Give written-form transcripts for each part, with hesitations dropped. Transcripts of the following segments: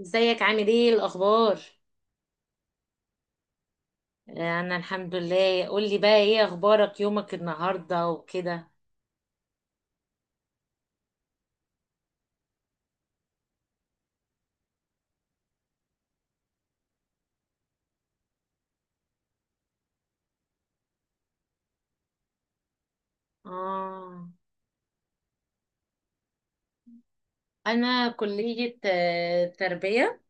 ازيك؟ عامل ايه؟ الاخبار؟ انا الحمد لله. قولي بقى، ايه اخبارك؟ يومك النهارده وكده. اه. انا كلية تربية.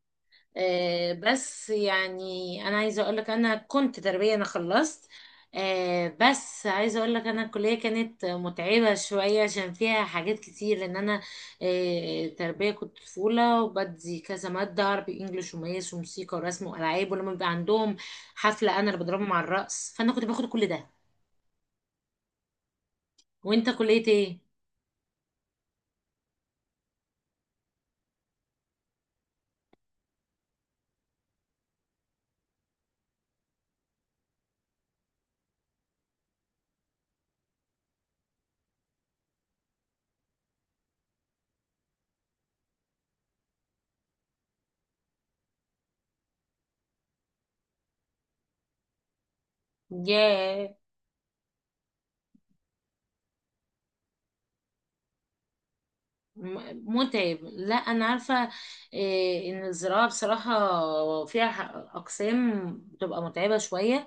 بس يعني، انا عايزه اقول لك انا كنت تربيه، انا خلصت. بس عايزه اقول لك انا الكليه كانت متعبه شويه عشان فيها حاجات كتير، لان انا تربيه كنت طفوله وبدي كذا ماده: عربي، انجليش، ومقاس، وموسيقى، ورسم، والعاب. ولما بيبقى عندهم حفله انا اللي بضربهم على الرقص، فانا كنت باخد كل ده. وانت كليه ايه؟ ياه. متعب، لا انا عارفه. ان الزراعه بصراحه فيها اقسام بتبقى متعبه شويه.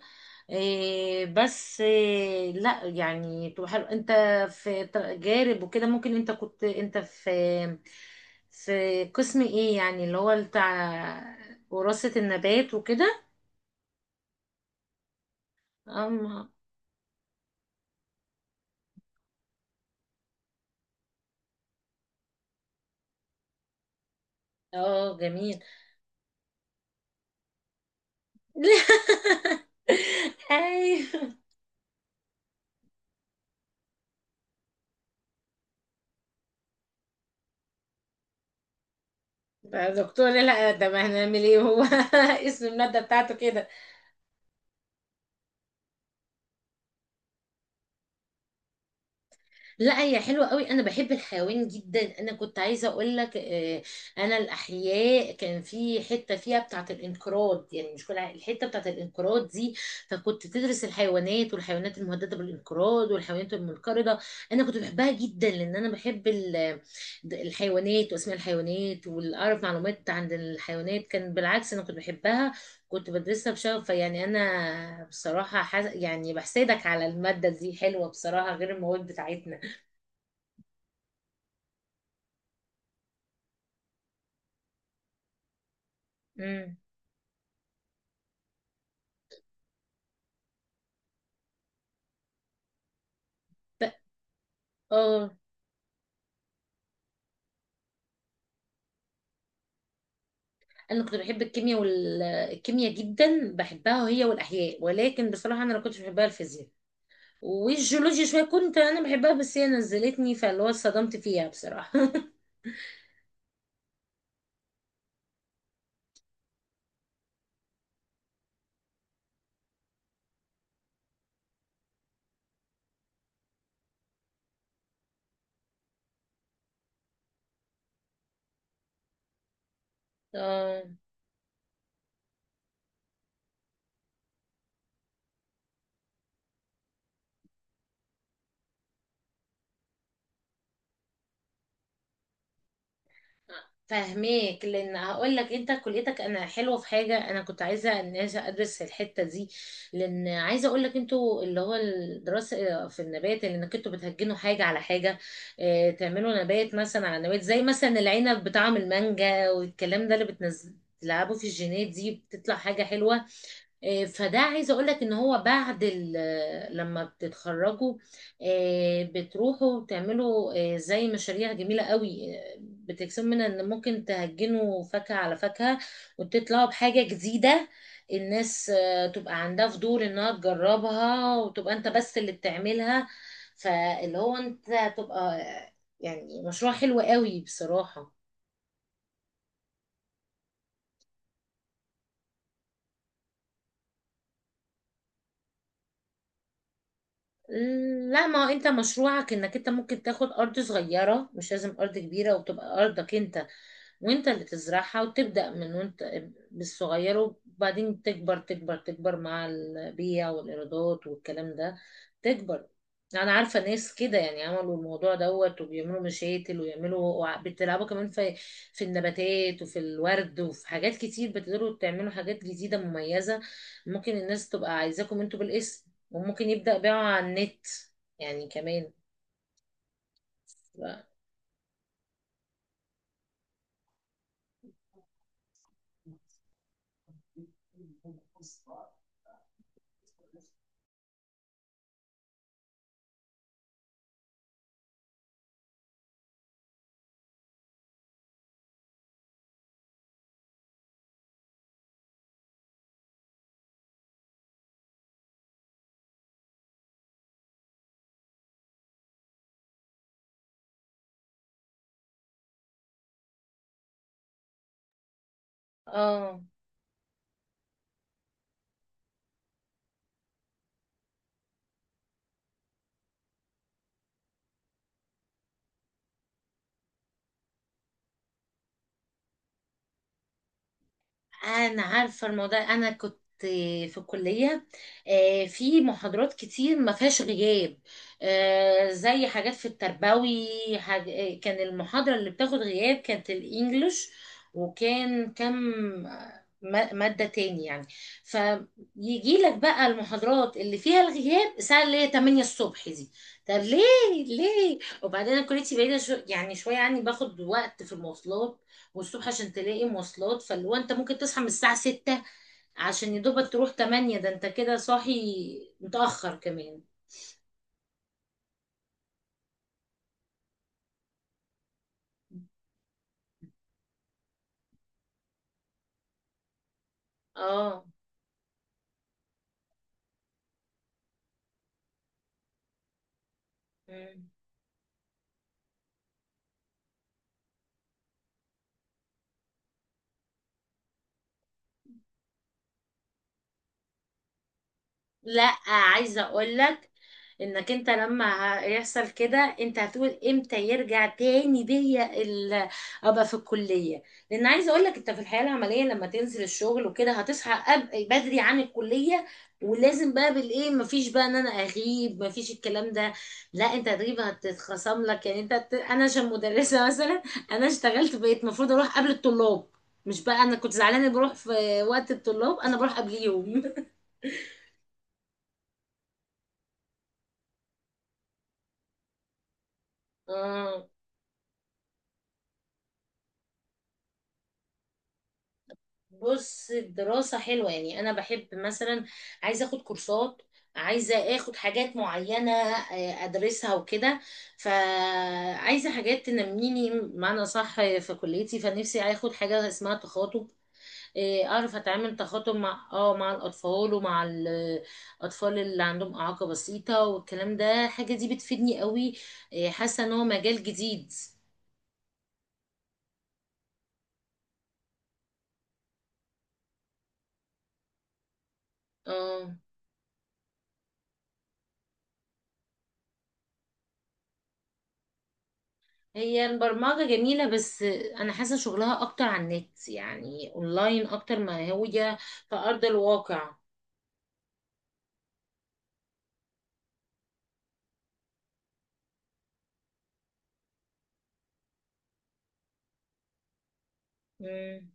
إيه، بس إيه، لا يعني بتبقى حلو، انت في جارب وكده. ممكن انت كنت انت في قسم ايه يعني اللي هو بتاع وراثه النبات وكده؟ أم- اه جميل. ايوه. ده دكتور، لا ده ما هنعمل ايه هو. اسم الماده بتاعته كده. لا هي حلوة قوي، انا بحب الحيوان جدا. انا كنت عايزة اقول لك انا الاحياء كان في حتة فيها بتاعة الانقراض، يعني مش كل الحتة بتاعة الانقراض دي فكنت تدرس الحيوانات، والحيوانات المهددة بالانقراض، والحيوانات المنقرضة. انا كنت بحبها جدا، لان انا بحب الحيوانات واسماء الحيوانات، واعرف معلومات عن الحيوانات. كان بالعكس انا كنت بحبها، كنت بدرسها بشغف. فيعني انا بصراحة يعني بحسدك على المادة دي، حلوة بصراحة غير المواد بتاعتنا. امم اه، انا كنت بحب الكيمياء، والكيمياء جدا بحبها هي والاحياء. ولكن بصراحه انا ما كنتش بحبها الفيزياء والجيولوجيا شويه، كنت انا بحبها بس هي نزلتني، فاللي هو اتصدمت فيها بصراحه. اه فاهماك. لان هقول لك انت كليتك انا حلوه، في حاجه انا كنت عايزه ان أنا ادرس في الحته دي، لان عايزه اقول لك انتوا اللي هو الدراسه في النبات، اللي انك انتوا بتهجنوا حاجه على حاجه. اه، تعملوا نبات مثلا على نبات، زي مثلا العنب بطعم المانجا والكلام ده، اللي بتنزل تلعبوا في الجينات دي، بتطلع حاجه حلوه. فده عايزه اقول لك ان هو بعد لما بتتخرجوا، بتروحوا تعملوا زي مشاريع جميله قوي، بتكسبوا منها، ان ممكن تهجنوا فاكهه على فاكهه وتطلعوا بحاجه جديده. الناس تبقى عندها فضول انها تجربها، وتبقى انت بس اللي بتعملها. فاللي هو انت تبقى يعني مشروع حلو قوي بصراحه. لا، ما هو انت مشروعك انك انت ممكن تاخد ارض صغيرة، مش لازم ارض كبيرة، وتبقى ارضك انت وانت اللي تزرعها، وتبدأ من وانت بالصغير، وبعدين تكبر تكبر تكبر مع البيع والإيرادات والكلام ده. تكبر. انا عارفة ناس كده يعني عملوا الموضوع دوت، وبيعملوا مشاتل ويعملوا بتلعبوا كمان في النباتات، وفي الورد، وفي حاجات كتير، بتقدروا تعملوا حاجات جديدة مميزة. ممكن الناس تبقى عايزاكم انتوا بالاسم، وممكن يبدأ بيعه على النت يعني كمان. ف- اه انا عارفه الموضوع. انا كنت في الكليه في محاضرات كتير ما فيهاش غياب، زي حاجات في التربوي. حاج... آه، كان المحاضره اللي بتاخد غياب كانت الانجليش، وكان ماده تاني يعني. فيجي لك بقى المحاضرات اللي فيها الغياب الساعه اللي هي 8 الصبح دي. طب ليه؟ وبعدين أنا كليتي بعيده يعني شويه عني، باخد وقت في المواصلات. والصبح عشان تلاقي مواصلات فاللي هو انت ممكن تصحى من الساعة ستة عشان يدوبك تروح تمانية، ده انت كده صاحي متأخر كمان. اه. لا عايزة اقولك، انك انت لما يحصل كده، انت هتقول امتى يرجع تاني بيا ابقى في الكلية؟ لان عايزة اقولك، انت في الحياة العملية لما تنزل الشغل وكده هتصحى بدري عن الكلية، ولازم بقى بالايه، مفيش بقى ان انا اغيب، مفيش الكلام ده. لا، انت هتغيب هتتخصم لك، يعني انا عشان مدرسة مثلا، انا اشتغلت بقيت المفروض اروح قبل الطلاب، مش بقى انا كنت زعلانة بروح في وقت الطلاب، انا بروح قبليهم. اه، بص الدراسة حلوة، يعني أنا بحب مثلا عايزة أخد كورسات، عايزة أخد حاجات معينة أدرسها وكده. فعايزة حاجات تنميني معنى صح في كليتي، فنفسي أخد حاجة اسمها تخاطب، أعرف أتعامل تخاطب مع مع الأطفال، ومع الأطفال اللي عندهم إعاقة بسيطة والكلام ده، الحاجة دي بتفيدني قوي. حاسة إن هو مجال جديد. اه، هي البرمجة جميلة، بس أنا حاسة شغلها أكتر على النت، يعني أونلاين، أكتر ما هي في أرض الواقع. مم.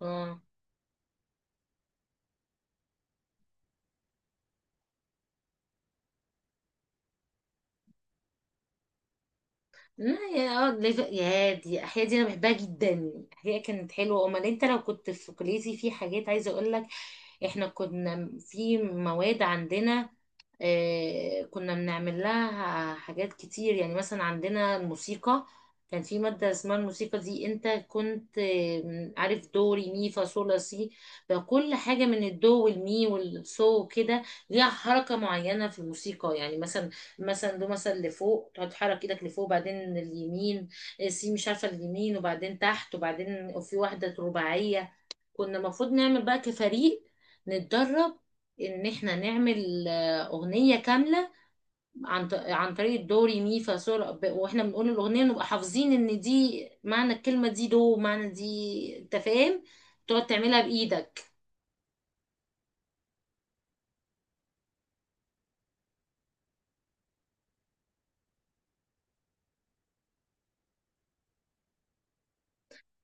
اه، لا، يا دي أحياء دي أنا بحبها جدا، أحياء كانت حلوة. أمال أنت لو كنت في كليتي، في حاجات عايزة أقولك، إحنا كنا في مواد عندنا كنا بنعمل لها حاجات كتير. يعني مثلا عندنا الموسيقى، كان في مادة اسمها الموسيقى دي. انت كنت عارف دو ري مي فا صول لا سي؟ فكل حاجة من الدو والمي والصو وكده ليها حركة معينة في الموسيقى. يعني مثلا، مثلا دو مثلا لفوق، تقعد تحرك ايدك لفوق، وبعدين اليمين، سي مش عارفة اليمين، وبعدين تحت، وبعدين في واحدة رباعية. كنا المفروض نعمل بقى كفريق، نتدرب ان احنا نعمل اغنية كاملة عن عن طريق الدو ري مي فا صول، واحنا بنقول الاغنية نبقى حافظين ان دي معنى الكلمة دي، دو معنى دي، انت فاهم؟ تقعد تعملها بايدك.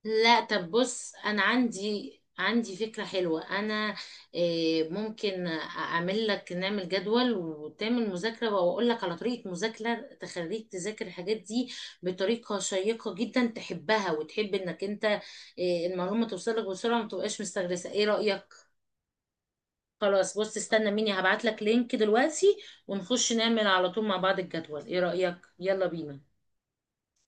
لا طب بص انا عندي فكرة حلوة. انا ممكن اعمل لك، نعمل جدول وتعمل مذاكرة، واقول لك على طريقة مذاكرة تخليك تذاكر الحاجات دي بطريقة شيقة جدا، تحبها وتحب انك انت المعلومة توصلك بسرعة وما تبقاش مستغرسة. ايه رأيك؟ خلاص بص، استنى مني هبعت لك لينك دلوقتي، ونخش نعمل على طول مع بعض الجدول. ايه رأيك؟ يلا بينا.